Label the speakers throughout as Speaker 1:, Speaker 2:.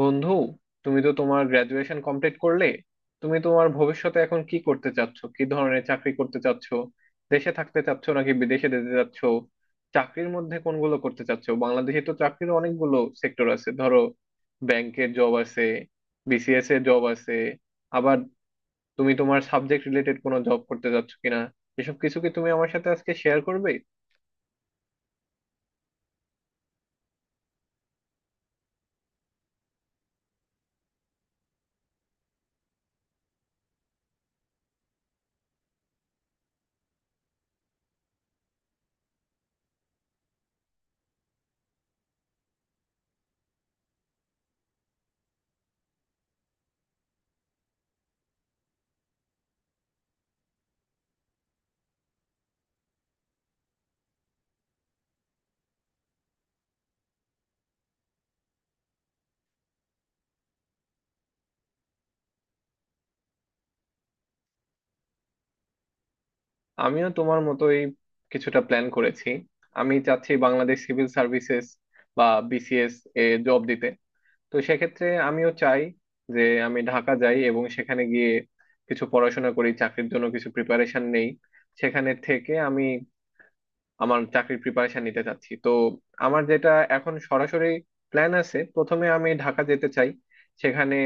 Speaker 1: বন্ধু, তুমি তো তোমার গ্রাজুয়েশন কমপ্লিট করলে। তুমি তোমার ভবিষ্যতে এখন কি করতে চাচ্ছ, কি ধরনের চাকরি করতে চাচ্ছ? দেশে থাকতে চাচ্ছ নাকি বিদেশে যেতে চাচ্ছ? চাকরির মধ্যে কোনগুলো করতে চাচ্ছ? বাংলাদেশে তো চাকরির অনেকগুলো সেক্টর আছে। ধরো, ব্যাংকের জব আছে, বিসিএস এর জব আছে, আবার তুমি তোমার সাবজেক্ট রিলেটেড কোনো জব করতে চাচ্ছ কিনা, এসব কিছু কি তুমি আমার সাথে আজকে শেয়ার করবে? আমিও তোমার মতোই কিছুটা প্ল্যান করেছি। আমি চাচ্ছি বাংলাদেশ সিভিল সার্ভিসেস বা বিসিএস এ জব দিতে। তো সেক্ষেত্রে আমিও চাই যে আমি ঢাকা যাই এবং সেখানে গিয়ে কিছু পড়াশোনা করি, চাকরির জন্য কিছু প্রিপারেশন নেই। সেখানে থেকে আমি আমার চাকরির প্রিপারেশন নিতে চাচ্ছি। তো আমার যেটা এখন সরাসরি প্ল্যান আছে, প্রথমে আমি ঢাকা যেতে চাই, সেখানে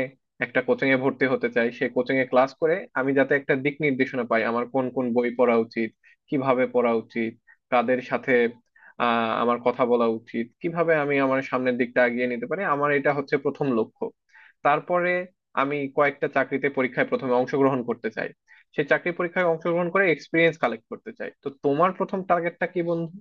Speaker 1: একটা কোচিং এ ভর্তি হতে চাই, সেই কোচিং এ ক্লাস করে আমি যাতে একটা দিক নির্দেশনা পাই আমার কোন কোন বই পড়া উচিত, কিভাবে পড়া উচিত, কাদের সাথে আমার কথা বলা উচিত, কিভাবে আমি আমার সামনের দিকটা এগিয়ে নিতে পারি। আমার এটা হচ্ছে প্রথম লক্ষ্য। তারপরে আমি কয়েকটা চাকরিতে পরীক্ষায় প্রথমে অংশগ্রহণ করতে চাই, সে চাকরি পরীক্ষায় অংশগ্রহণ করে এক্সপিরিয়েন্স কালেক্ট করতে চায়। তো তোমার প্রথম টার্গেটটা কি বন্ধু?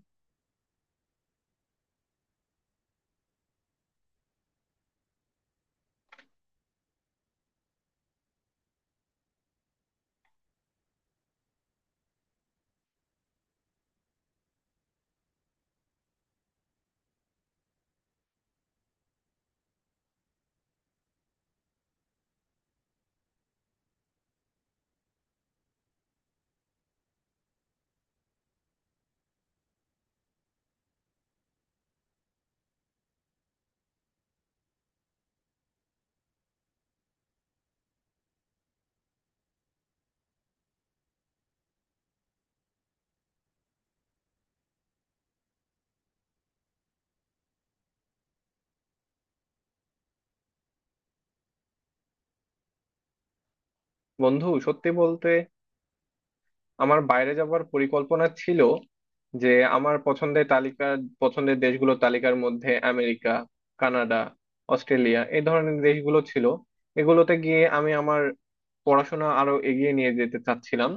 Speaker 1: বন্ধু, সত্যি বলতে, আমার বাইরে যাওয়ার পরিকল্পনা ছিল যে আমার পছন্দের তালিকার, পছন্দের দেশগুলোর তালিকার মধ্যে আমেরিকা, কানাডা, অস্ট্রেলিয়া এই ধরনের দেশগুলো ছিল। এগুলোতে গিয়ে আমি আমার পড়াশোনা আরো এগিয়ে নিয়ে যেতে চাচ্ছিলাম,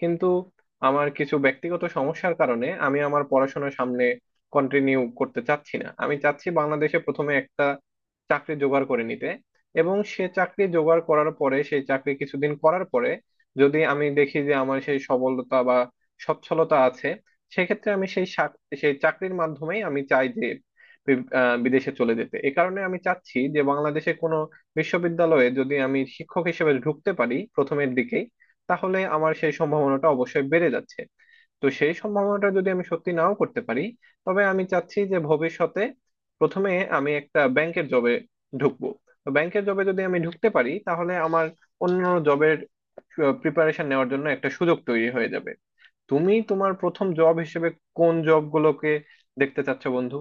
Speaker 1: কিন্তু আমার কিছু ব্যক্তিগত সমস্যার কারণে আমি আমার পড়াশোনা সামনে কন্টিনিউ করতে চাচ্ছি না। আমি চাচ্ছি বাংলাদেশে প্রথমে একটা চাকরি জোগাড় করে নিতে, এবং সে চাকরি জোগাড় করার পরে সেই চাকরি কিছুদিন করার পরে যদি আমি দেখি যে আমার সেই সবলতা বা সচ্ছলতা আছে, সেক্ষেত্রে আমি সেই চাকরির মাধ্যমেই আমি চাই যে বিদেশে চলে যেতে। এ কারণে আমি চাচ্ছি যে বাংলাদেশে কোনো বিশ্ববিদ্যালয়ে যদি আমি শিক্ষক হিসেবে ঢুকতে পারি প্রথমের দিকেই, তাহলে আমার সেই সম্ভাবনাটা অবশ্যই বেড়ে যাচ্ছে। তো সেই সম্ভাবনাটা যদি আমি সত্যি নাও করতে পারি, তবে আমি চাচ্ছি যে ভবিষ্যতে প্রথমে আমি একটা ব্যাংকের জবে ঢুকবো। তো ব্যাংকের জবে যদি আমি ঢুকতে পারি তাহলে আমার অন্য জবের প্রিপারেশন নেওয়ার জন্য একটা সুযোগ তৈরি হয়ে যাবে। তুমি তোমার প্রথম জব হিসেবে কোন জবগুলোকে দেখতে চাচ্ছ বন্ধু?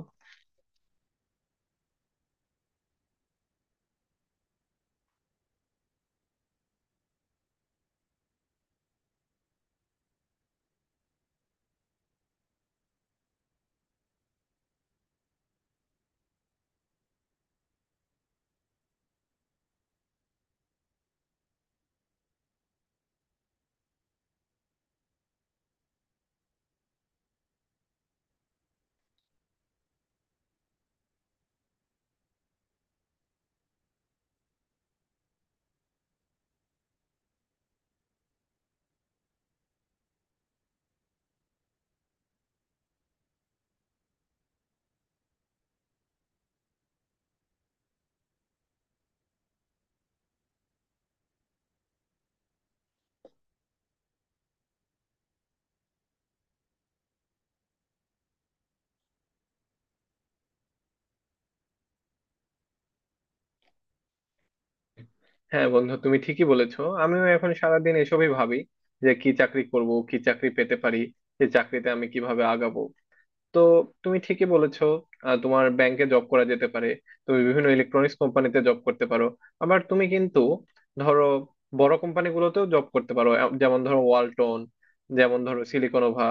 Speaker 1: হ্যাঁ বন্ধু, তুমি ঠিকই বলেছো, আমিও এখন সারাদিন এসবই ভাবি যে কি চাকরি করব, কি চাকরি পেতে পারি, এই চাকরিতে আমি কিভাবে আগাবো। তো তুমি ঠিকই বলেছো, তোমার ব্যাংকে জব করা যেতে পারে, তুমি বিভিন্ন ইলেকট্রনিক্স কোম্পানিতে জব করতে পারো, আবার তুমি কিন্তু ধরো বড় কোম্পানিগুলোতেও জব করতে পারো। যেমন ধরো ওয়ালটন, যেমন ধরো সিলিকনোভা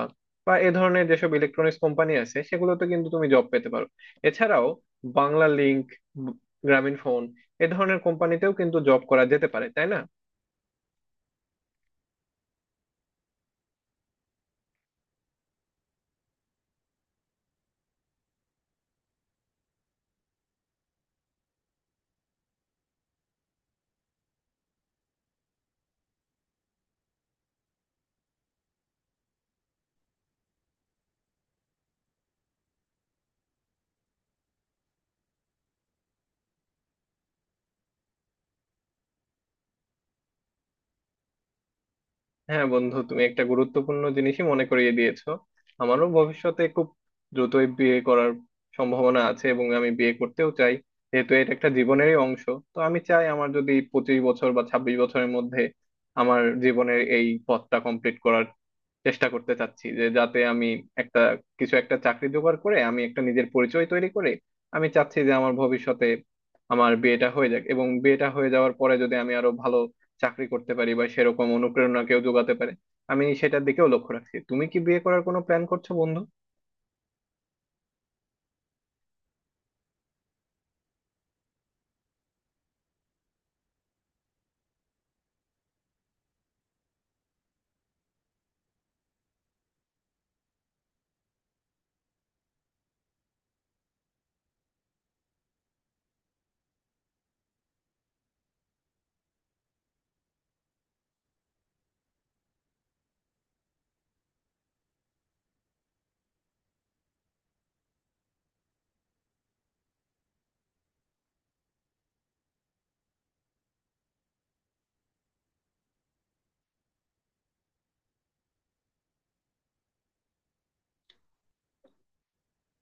Speaker 1: বা এ ধরনের যেসব ইলেকট্রনিক্স কোম্পানি আছে সেগুলোতে কিন্তু তুমি জব পেতে পারো। এছাড়াও বাংলা লিংক, গ্রামীণ ফোন, এ ধরনের কোম্পানিতেও কিন্তু জব করা যেতে পারে, তাই না? হ্যাঁ বন্ধু, তুমি একটা গুরুত্বপূর্ণ জিনিসই মনে করিয়ে দিয়েছো। আমারও ভবিষ্যতে খুব দ্রুতই বিয়ে করার সম্ভাবনা আছে এবং আমি বিয়ে করতেও চাই, যেহেতু এটা একটা জীবনেরই অংশ। তো আমি চাই আমার যদি 25 বছর বা 26 বছরের মধ্যে আমার জীবনের এই পথটা কমপ্লিট করার চেষ্টা করতে চাচ্ছি, যে যাতে আমি একটা কিছু একটা চাকরি জোগাড় করে আমি একটা নিজের পরিচয় তৈরি করে আমি চাচ্ছি যে আমার ভবিষ্যতে আমার বিয়েটা হয়ে যাক, এবং বিয়েটা হয়ে যাওয়ার পরে যদি আমি আরো ভালো চাকরি করতে পারি বা সেরকম অনুপ্রেরণা কেউ যোগাতে পারে, আমি সেটার দিকেও লক্ষ্য রাখছি। তুমি কি বিয়ে করার কোনো প্ল্যান করছো বন্ধু?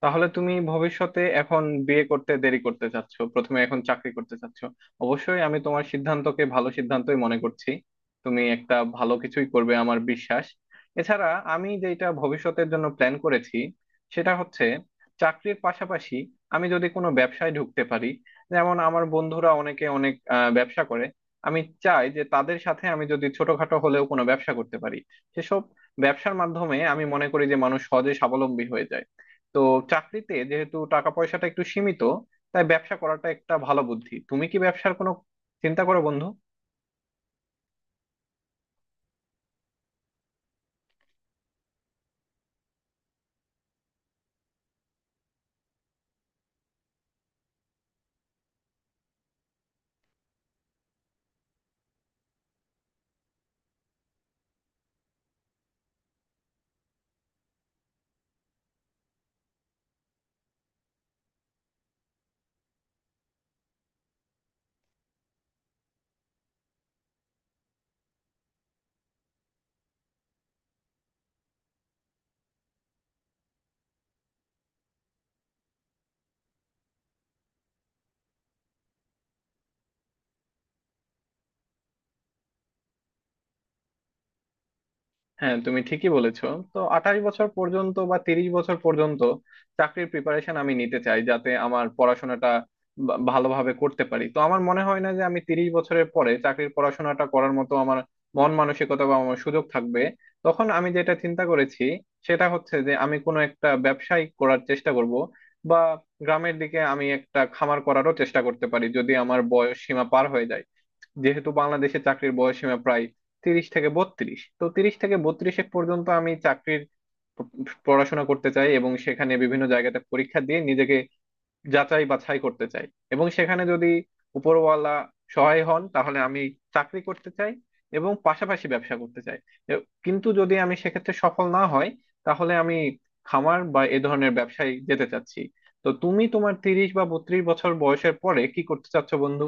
Speaker 1: তাহলে তুমি ভবিষ্যতে এখন বিয়ে করতে দেরি করতে চাচ্ছ, প্রথমে এখন চাকরি করতে চাচ্ছ। অবশ্যই আমি তোমার সিদ্ধান্তকে ভালো সিদ্ধান্তই মনে করছি। তুমি একটা ভালো কিছুই করবে আমার বিশ্বাস। এছাড়া আমি যেটা ভবিষ্যতের জন্য প্ল্যান করেছি সেটা হচ্ছে চাকরির পাশাপাশি আমি যদি কোনো ব্যবসায় ঢুকতে পারি, যেমন আমার বন্ধুরা অনেকে অনেক ব্যবসা করে, আমি চাই যে তাদের সাথে আমি যদি ছোটখাটো হলেও কোনো ব্যবসা করতে পারি। সেসব ব্যবসার মাধ্যমে আমি মনে করি যে মানুষ সহজে স্বাবলম্বী হয়ে যায়। তো চাকরিতে যেহেতু টাকা পয়সাটা একটু সীমিত, তাই ব্যবসা করাটা একটা ভালো বুদ্ধি। তুমি কি ব্যবসার কোনো চিন্তা করো বন্ধু? হ্যাঁ, তুমি ঠিকই বলেছো। তো 28 বছর পর্যন্ত বা 30 বছর পর্যন্ত চাকরির প্রিপারেশন আমি নিতে চাই যাতে আমার পড়াশোনাটা ভালোভাবে করতে পারি। তো আমার মনে হয় না যে আমি 30 বছরের পরে চাকরির পড়াশোনাটা করার মতো আমার মন মানসিকতা বা আমার সুযোগ থাকবে। তখন আমি যেটা চিন্তা করেছি সেটা হচ্ছে যে আমি কোনো একটা ব্যবসায়ী করার চেষ্টা করব, বা গ্রামের দিকে আমি একটা খামার করারও চেষ্টা করতে পারি যদি আমার বয়স সীমা পার হয়ে যায়। যেহেতু বাংলাদেশে চাকরির বয়স সীমা প্রায় 30 থেকে 32, তো 30 থেকে 32 পর্যন্ত আমি চাকরির প- পড়াশোনা করতে চাই, এবং সেখানে বিভিন্ন জায়গাতে পরীক্ষা দিয়ে নিজেকে যাচাই বাছাই করতে চাই। এবং সেখানে যদি উপরওয়ালা সহায় হন তাহলে আমি চাকরি করতে চাই এবং পাশাপাশি ব্যবসা করতে চাই। কিন্তু যদি আমি সেক্ষেত্রে সফল না হয়, তাহলে আমি খামার বা এ ধরনের ব্যবসায় যেতে চাচ্ছি। তো তুমি তোমার 30 বা 32 বছর বয়সের পরে কি করতে চাচ্ছো বন্ধু?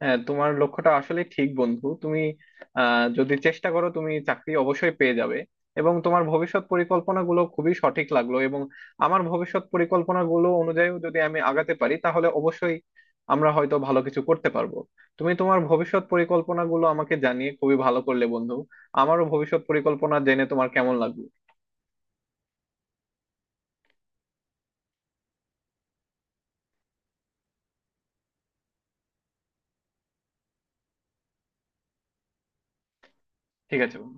Speaker 1: হ্যাঁ, তোমার লক্ষ্যটা আসলে ঠিক বন্ধু। তুমি যদি চেষ্টা করো তুমি চাকরি অবশ্যই পেয়ে যাবে, এবং তোমার ভবিষ্যৎ পরিকল্পনাগুলো খুবই সঠিক লাগলো। এবং আমার ভবিষ্যৎ পরিকল্পনাগুলো অনুযায়ী যদি আমি আগাতে পারি তাহলে অবশ্যই আমরা হয়তো ভালো কিছু করতে পারবো। তুমি তোমার ভবিষ্যৎ পরিকল্পনাগুলো আমাকে জানিয়ে খুবই ভালো করলে বন্ধু। আমারও ভবিষ্যৎ পরিকল্পনা জেনে তোমার কেমন লাগলো? ঠিক আছে বন্ধু।